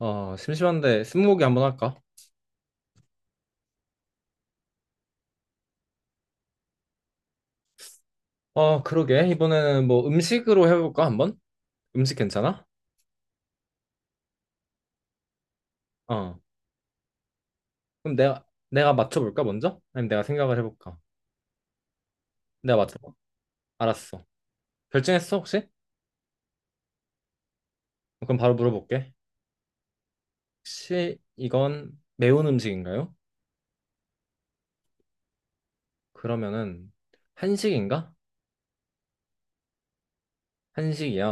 심심한데 스무고개 한번 할까? 그러게. 이번에는 뭐 음식으로 해볼까, 한번? 음식 괜찮아? 어. 그럼 내가, 내가 맞춰볼까, 먼저? 아니면 내가 생각을 해볼까? 내가 맞춰봐. 알았어. 결정했어, 혹시? 그럼 바로 물어볼게. 혹시 이건 매운 음식인가요? 그러면은 한식인가? 한식이야.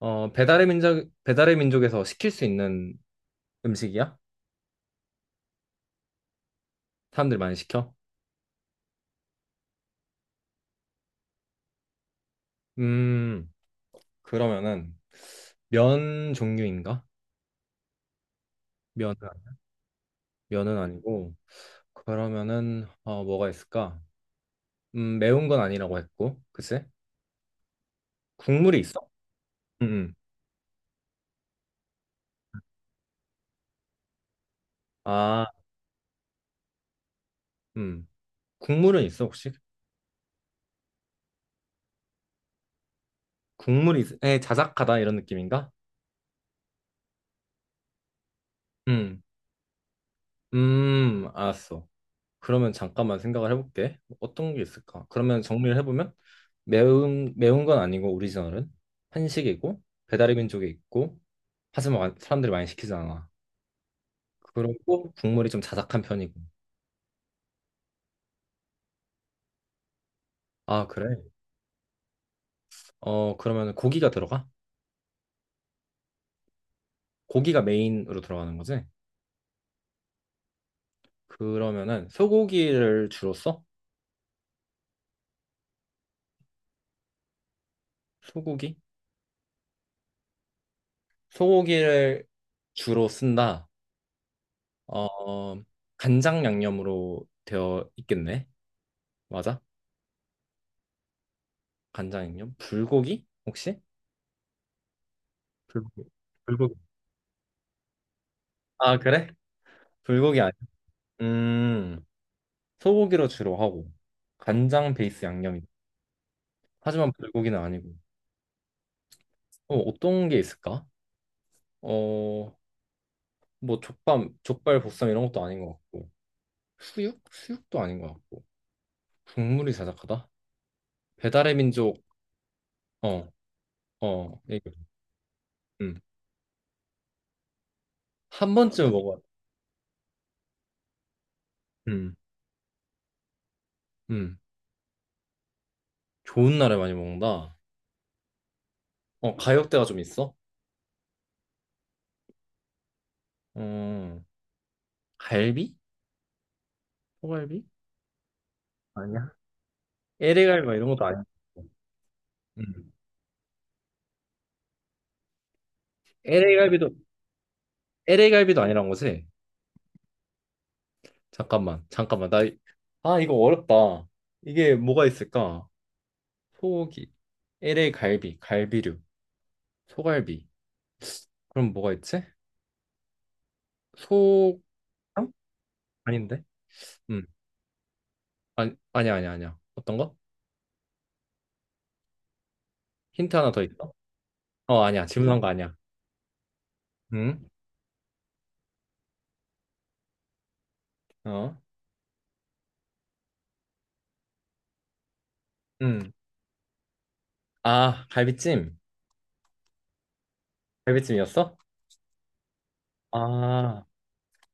배달의 민족, 배달의 민족에서 시킬 수 있는 음식이야? 사람들이 많이 시켜? 음, 그러면은 면 종류인가? 면 면은 아니고 그러면은 뭐가 있을까? 매운 건 아니라고 했고 글쎄 국물이 있어? 음, 음. 아, 음. 국물은 있어 혹시? 국물이 있... 에, 자작하다 이런 느낌인가? 음, 알았어. 그러면 잠깐만 생각을 해볼게. 어떤 게 있을까? 그러면 정리를 해보면 매운 건 아니고 오리지널은 한식이고 배달의 민족이 있고 하지만 사람들이 많이 시키지 않아. 그리고 국물이 좀 자작한 편이고. 아, 그래? 어, 그러면 고기가 들어가? 고기가 메인으로 들어가는 거지? 그러면은 소고기를 주로 써? 소고기? 소고기를 주로 쓴다. 어, 간장 양념으로 되어 있겠네. 맞아? 간장 양념? 불고기? 혹시? 불고기. 불고기. 아, 그래? 불고기 아니야. 음, 소고기로 주로 하고, 간장 베이스 양념이다. 하지만 불고기는 아니고. 어떤 게 있을까? 어, 뭐 족밥, 족발 보쌈 이런 것도 아닌 것 같고. 수육? 수육도 아닌 것 같고 국물이 자작하다? 배달의 민족 어어 음. 한 번쯤 먹어 음, 음. 좋은 날에 많이 먹는다 어 가격대가 좀 있어? 어 갈비? 소갈비? 아니야 LA갈비 막 이런 것도 아니야 음. LA갈비도 LA갈비도 아니란 거지? 잠깐만 나 이- 아 이거 어렵다 이게 뭐가 있을까? 소고기 LA갈비 갈비류 소갈비 그럼 뭐가 있지? 소 어? 아닌데? 음. 아니, 아니야. 어떤 거? 힌트 하나 더 있어? 어, 아니야. 질문한 거 아니야. 응? 어? 응. 아, 갈비찜. 갈비찜이었어? 아,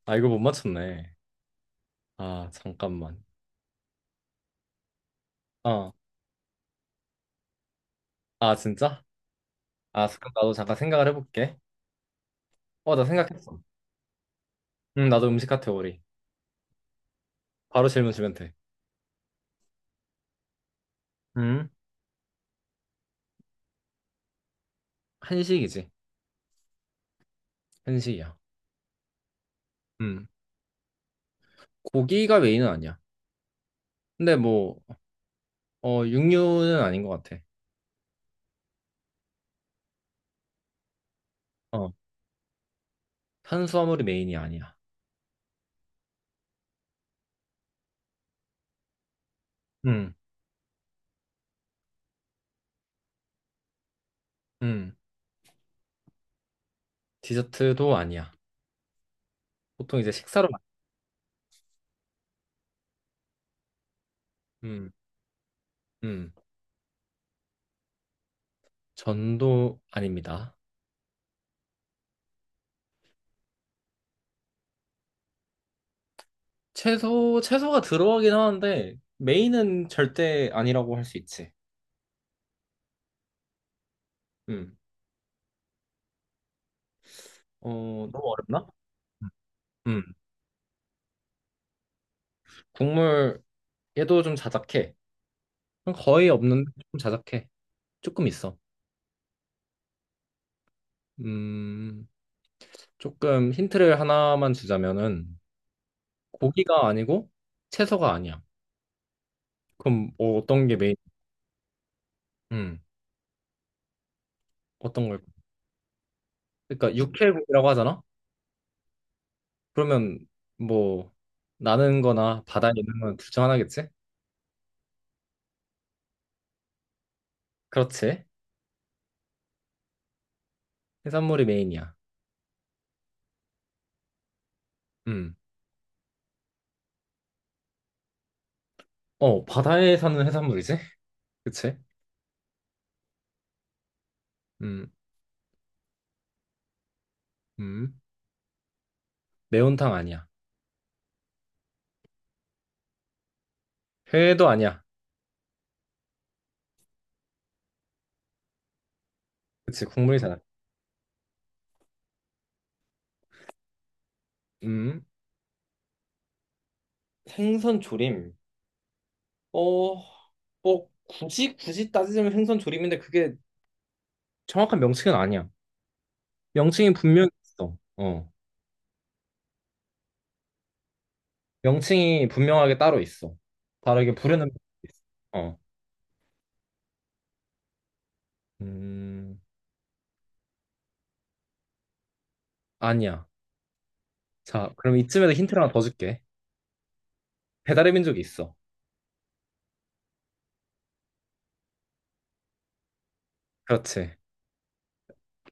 아, 이거 못 맞췄네. 아, 잠깐만. 어. 아, 진짜? 아, 잠깐 나도 잠깐 생각을 해볼게. 어, 나 생각했어. 응, 나도 음식 카테고리. 바로 질문 주면 돼. 응? 한식이지. 한식이야. 응. 고기가 메인은 아니야. 근데 뭐, 육류는 아닌 것 같아. 어. 탄수화물이 메인이 아니야. 응. 응. 디저트도 아니야. 보통 이제 식사로 많이- 음, 음. 전도 아닙니다. 채소, 채소가 들어가긴 하는데 메인은 절대 아니라고 할 수 있지. 음. 어, 너무 어렵나? 음. 국물 얘도 좀 자작해. 거의 없는데 좀 자작해. 조금 있어. 음, 조금 힌트를 하나만 주자면은 고기가 아니고 채소가 아니야. 그럼 뭐 어떤 게 메인? 음. 어떤 걸? 그러니까 육회국이라고 하잖아. 그러면 뭐 나는 거나 바다에 있는 건 둘 중 하나겠지? 그렇지. 해산물이 메인이야. 음. 어, 바다에 사는 해산물이지? 그치? 음. 음. 매운탕 아니야. 회도 아니야. 그치, 국물이잖아. 음. 생선 조림. 어, 뭐 굳이 따지자면 생선 조림인데 그게 정확한 명칭은 아니야. 명칭이 분명히 있어. 어. 명칭이 분명하게 따로 있어. 바로 이게 부르는 명칭이 있어. 어. 음. 아니야. 자, 그럼 이쯤에서 힌트를 하나 더 줄게. 배달의 민족이 있어. 그렇지.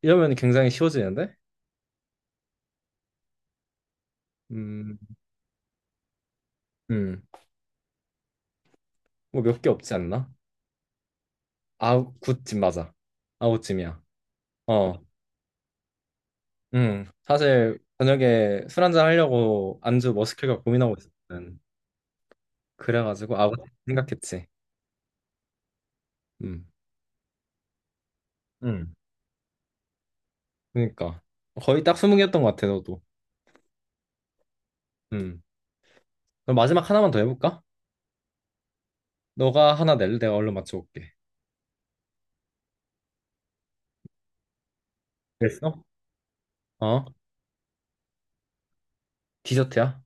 이러면 굉장히 쉬워지는데? 음, 음, 뭐 몇 개 없지 않나? 아웃집 맞아. 아웃찜이야 어, 사실 저녁에 술 한잔 하려고 안주 뭐 시킬까 고민하고 있었거든. 그래가지고 아웃 생각했지. 음, 음. 그러니까 거의 딱 20개였던 것 같아, 너도. 음. 그럼 마지막 하나만 더 해볼까? 너가 하나 낼래? 내가 얼른 맞춰볼게. 됐어? 어? 디저트야?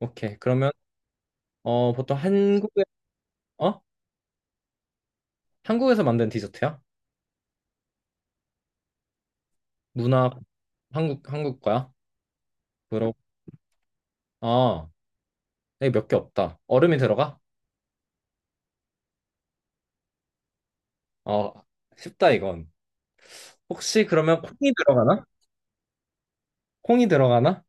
오케이. 그러면 보통 한국에, 어? 한국에서 만든 디저트야? 문화... 한국, 한국 거야? 그럼, 아, 여기 몇 개 없다. 얼음이 들어가? 어, 쉽다, 이건. 혹시 그러면 콩이 들어가나? 콩이 들어가나?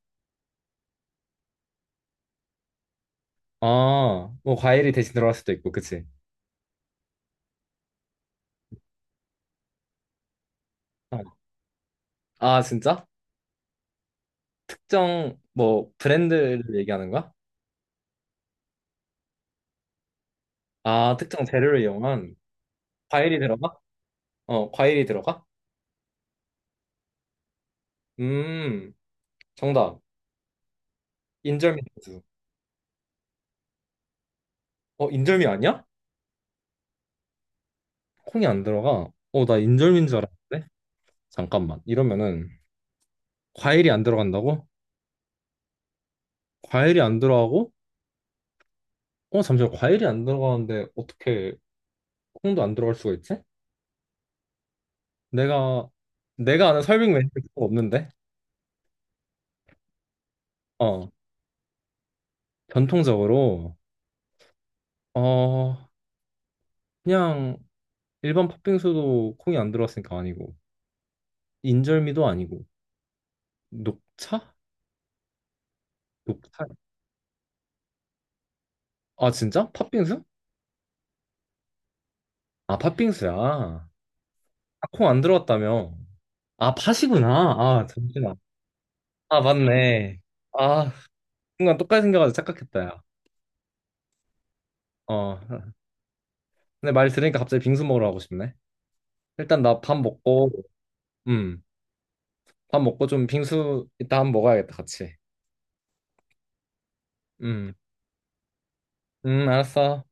아, 뭐 과일이 대신 들어갈 수도 있고, 그치? 어. 아, 진짜? 특정, 뭐, 브랜드를 얘기하는 거야? 아, 특정 재료를 이용한 과일이 들어가? 어, 과일이 들어가? 음, 정답. 인절미 소스. 어, 인절미 아니야? 콩이 안 들어가. 어, 나 인절미인 줄 알았는데? 잠깐만. 이러면은 과일이 안 들어간다고? 과일이 안 들어가고? 어, 잠시만. 과일이 안 들어가는데 어떻게 콩도 안 들어갈 수가 있지? 내가 내가 아는 설빙 메뉴가 없는데. 어, 전통적으로 어, 그냥 일반 팥빙수도 콩이 안 들어갔으니까 아니고 인절미도 아니고 녹차? 녹차? 아, 진짜? 팥빙수? 아, 팥빙수야. 아, 콩 안 들어갔다며. 아, 팥이구나. 아, 잠시만. 아, 맞네. 아, 순간 똑같이 생겨가지고 착각했다, 야. 어. 근데 말 들으니까 갑자기 빙수 먹으러 가고 싶네. 일단 나 밥 먹고, 음, 밥 먹고 좀 빙수 이따 한번 먹어야겠다, 같이. 음, 알았어.